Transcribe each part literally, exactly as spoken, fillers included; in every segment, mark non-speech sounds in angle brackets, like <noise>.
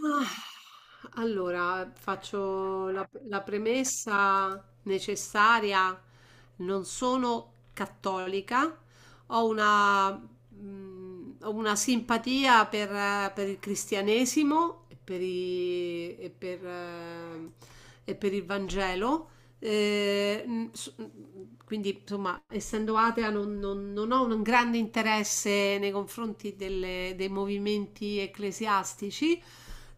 Ah, allora, faccio la, la premessa necessaria. Non sono cattolica, ho una, mh, ho una simpatia per, eh, per il cristianesimo e per, i- e per, eh, e per il Vangelo, eh, mh, s- mh, quindi, insomma, essendo atea, non, non- non ho un grande interesse nei confronti delle- dei movimenti ecclesiastici.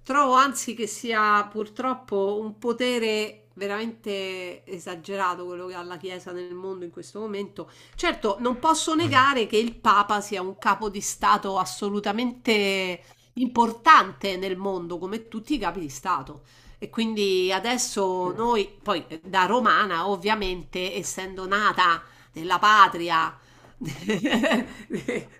Trovo anzi che sia purtroppo un potere veramente esagerato quello che ha la Chiesa nel mondo in questo momento. Certo, non posso negare che il Papa sia un capo di Stato assolutamente importante nel mondo, come tutti i capi di Stato. E quindi adesso Mm. noi, poi eh, da romana, ovviamente, essendo nata nella patria <laughs>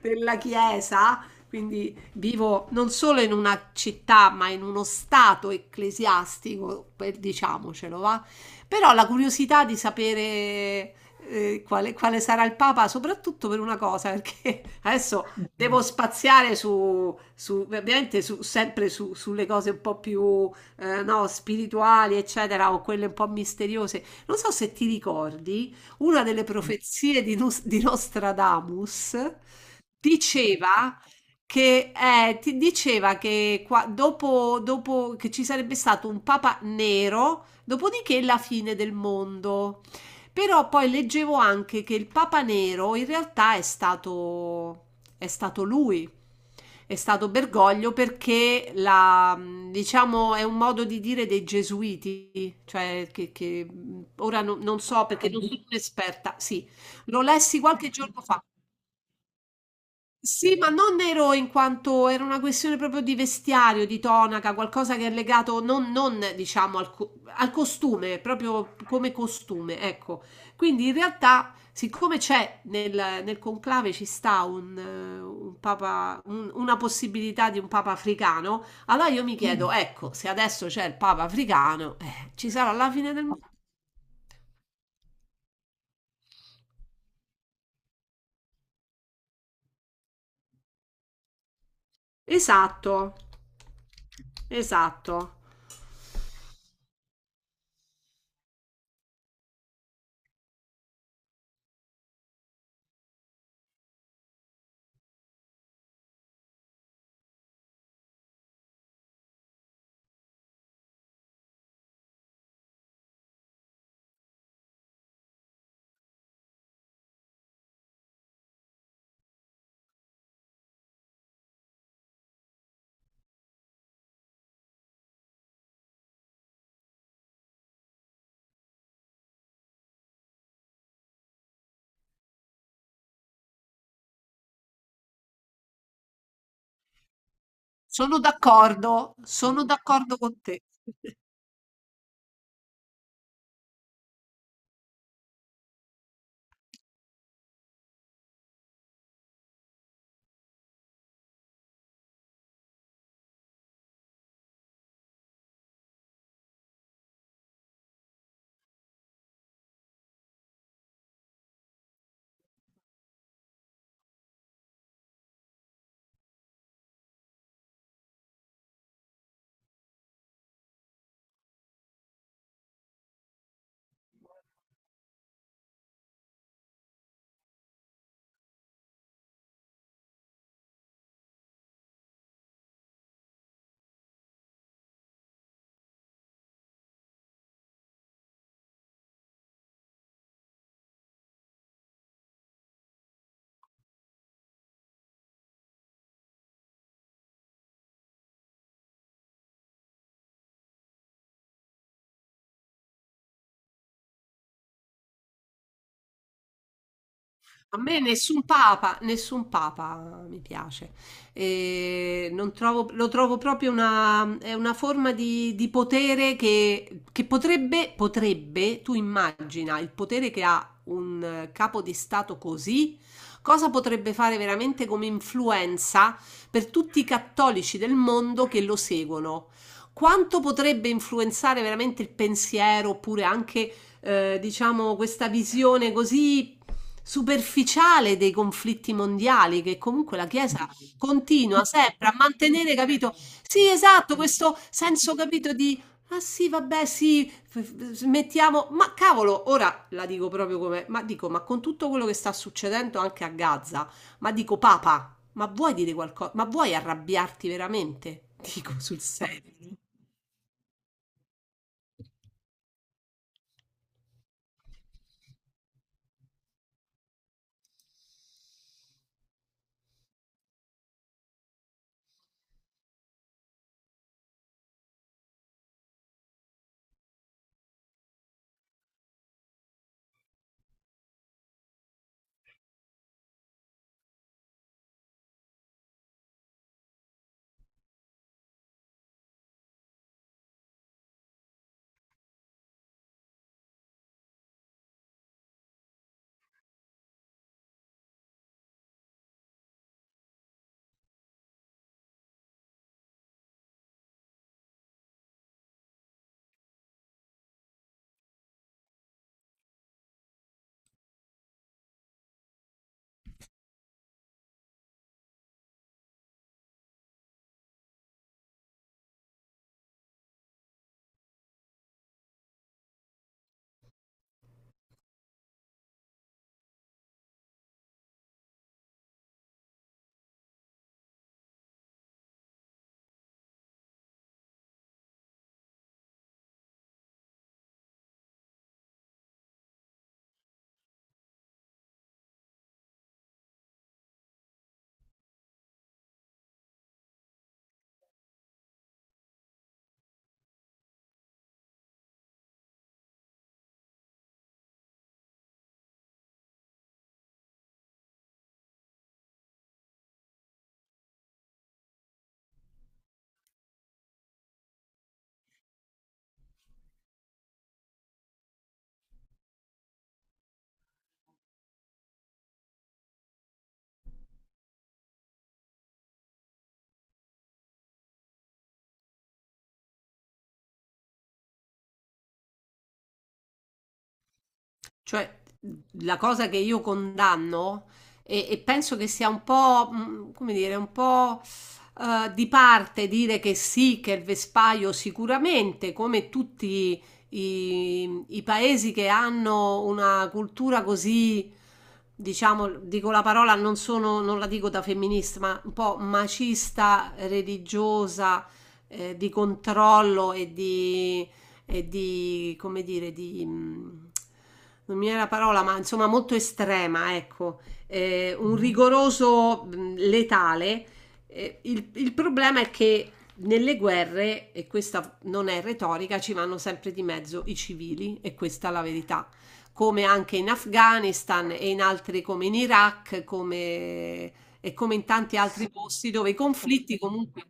della Chiesa, quindi vivo non solo in una città, ma in uno stato ecclesiastico, per- diciamocelo, va? Però la curiosità di sapere eh, quale, quale sarà il Papa, soprattutto per una cosa, perché <laughs> adesso devo spaziare su, su- ovviamente su- sempre su- sulle cose un po' più eh, no, spirituali, eccetera, o quelle un po' misteriose. Non so se ti ricordi, una delle profezie di, Nus- di Nostradamus diceva che eh, ti diceva che qua- dopo, dopo che ci sarebbe stato un papa nero, dopodiché la fine del mondo. Però poi leggevo anche che il papa nero in realtà è stato è stato lui. È stato Bergoglio perché la, diciamo, è un modo di dire dei gesuiti, cioè che, che ora no- non so perché non sono un'esperta, sì, lo lessi qualche giorno fa. Sì, ma non nero in quanto era una questione proprio di vestiario, di tonaca, qualcosa che è legato non, non, diciamo al, co- al costume, proprio come costume, ecco. Quindi in realtà, siccome c'è nel, nel conclave ci sta un, eh, un papa, un- una possibilità di un papa africano, allora io mi chiedo, Mm. ecco, se adesso c'è il papa africano, eh, ci sarà la fine del mondo. Esatto, esatto. Sono d'accordo, sono d'accordo con te. <laughs> A me nessun papa, nessun papa mi piace. E non trovo- lo trovo proprio una, è una forma di, di potere che, che potrebbe, potrebbe, tu immagina il potere che ha un eh, capo di Stato così, cosa potrebbe fare veramente come influenza per tutti i cattolici del mondo che lo seguono? Quanto potrebbe influenzare veramente il pensiero oppure anche eh, diciamo, questa visione così superficiale dei conflitti mondiali che comunque la Chiesa continua sempre a mantenere, capito? Sì, esatto, questo senso, capito, di ah sì, vabbè, sì, f- f- mettiamo, ma cavolo, ora la dico proprio come, ma dico, ma con tutto quello che sta succedendo anche a Gaza, ma dico, Papa, ma vuoi dire qualcosa? Ma vuoi arrabbiarti veramente? <laughs> Dico sul serio. Cioè, la cosa che io condanno e, e penso che sia un po', mh, come dire, un po' eh, di parte dire che sì, che il vespaio sicuramente, come tutti i, i paesi che hanno una cultura così, diciamo, dico la parola, non sono, non la dico da femminista, ma un po' macista, religiosa, eh, di controllo e di e di, come dire, di... mh, non mi viene la parola, ma insomma molto estrema, ecco, eh, un rigoroso, mh, letale. Eh, il, il problema è che nelle guerre, e questa non è retorica, ci vanno sempre di mezzo i civili, e questa è la verità. Come anche in Afghanistan e in altri come in Iraq, come, e come in tanti altri posti dove i conflitti comunque.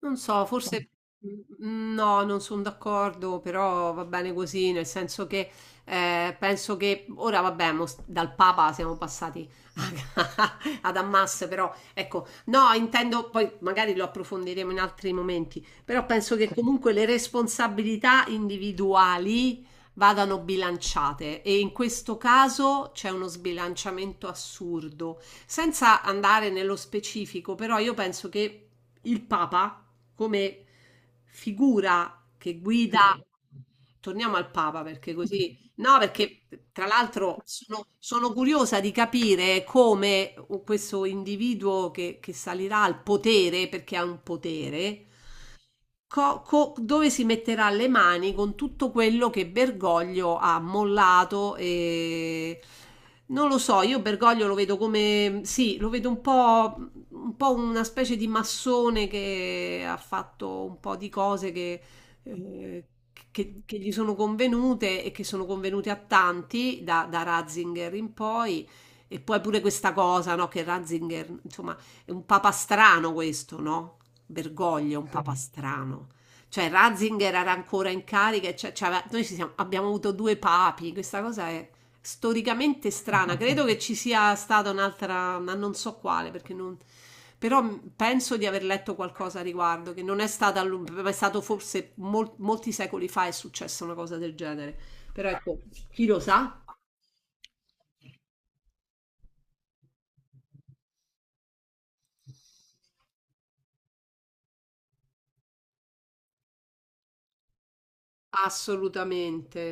Non so, no, forse mm, no, non sono d'accordo, però va bene così, nel senso che eh, penso che ora, vabbè, mo s- dal Papa siamo passati a- <laughs> ad Hamas, però ecco, no, intendo, poi magari lo approfondiremo in altri momenti, però penso che, sì, comunque le responsabilità individuali vadano bilanciate e in questo caso c'è uno sbilanciamento assurdo. Senza andare nello specifico, però io penso che il Papa come figura che guida, torniamo al Papa perché così, <laughs> no, perché tra l'altro sono, sono curiosa di capire come questo individuo che, che salirà al potere, perché ha un potere, co- co- dove si metterà le mani con tutto quello che Bergoglio ha mollato, e non lo so. Io Bergoglio lo vedo come sì, lo vedo un po', un po' una specie di massone che ha fatto un po' di cose che, eh, che- che gli sono convenute e che sono convenute a tanti da, da Ratzinger in poi. E poi pure questa cosa, no, che Ratzinger, insomma, è un papastrano questo, no? Bergoglio, è un papastrano. Cioè Ratzinger era ancora in carica, e cioè- cioè aveva- noi ci siamo- abbiamo avuto due papi, questa cosa è storicamente strana. Credo che ci sia stata un'altra, ma non so quale, perché non. Però mh, penso di aver letto qualcosa a riguardo, che non è stata, a lungo, ma è stato forse mol- molti secoli fa è successa una cosa del genere. Però ecco, chi lo sa? Assolutamente.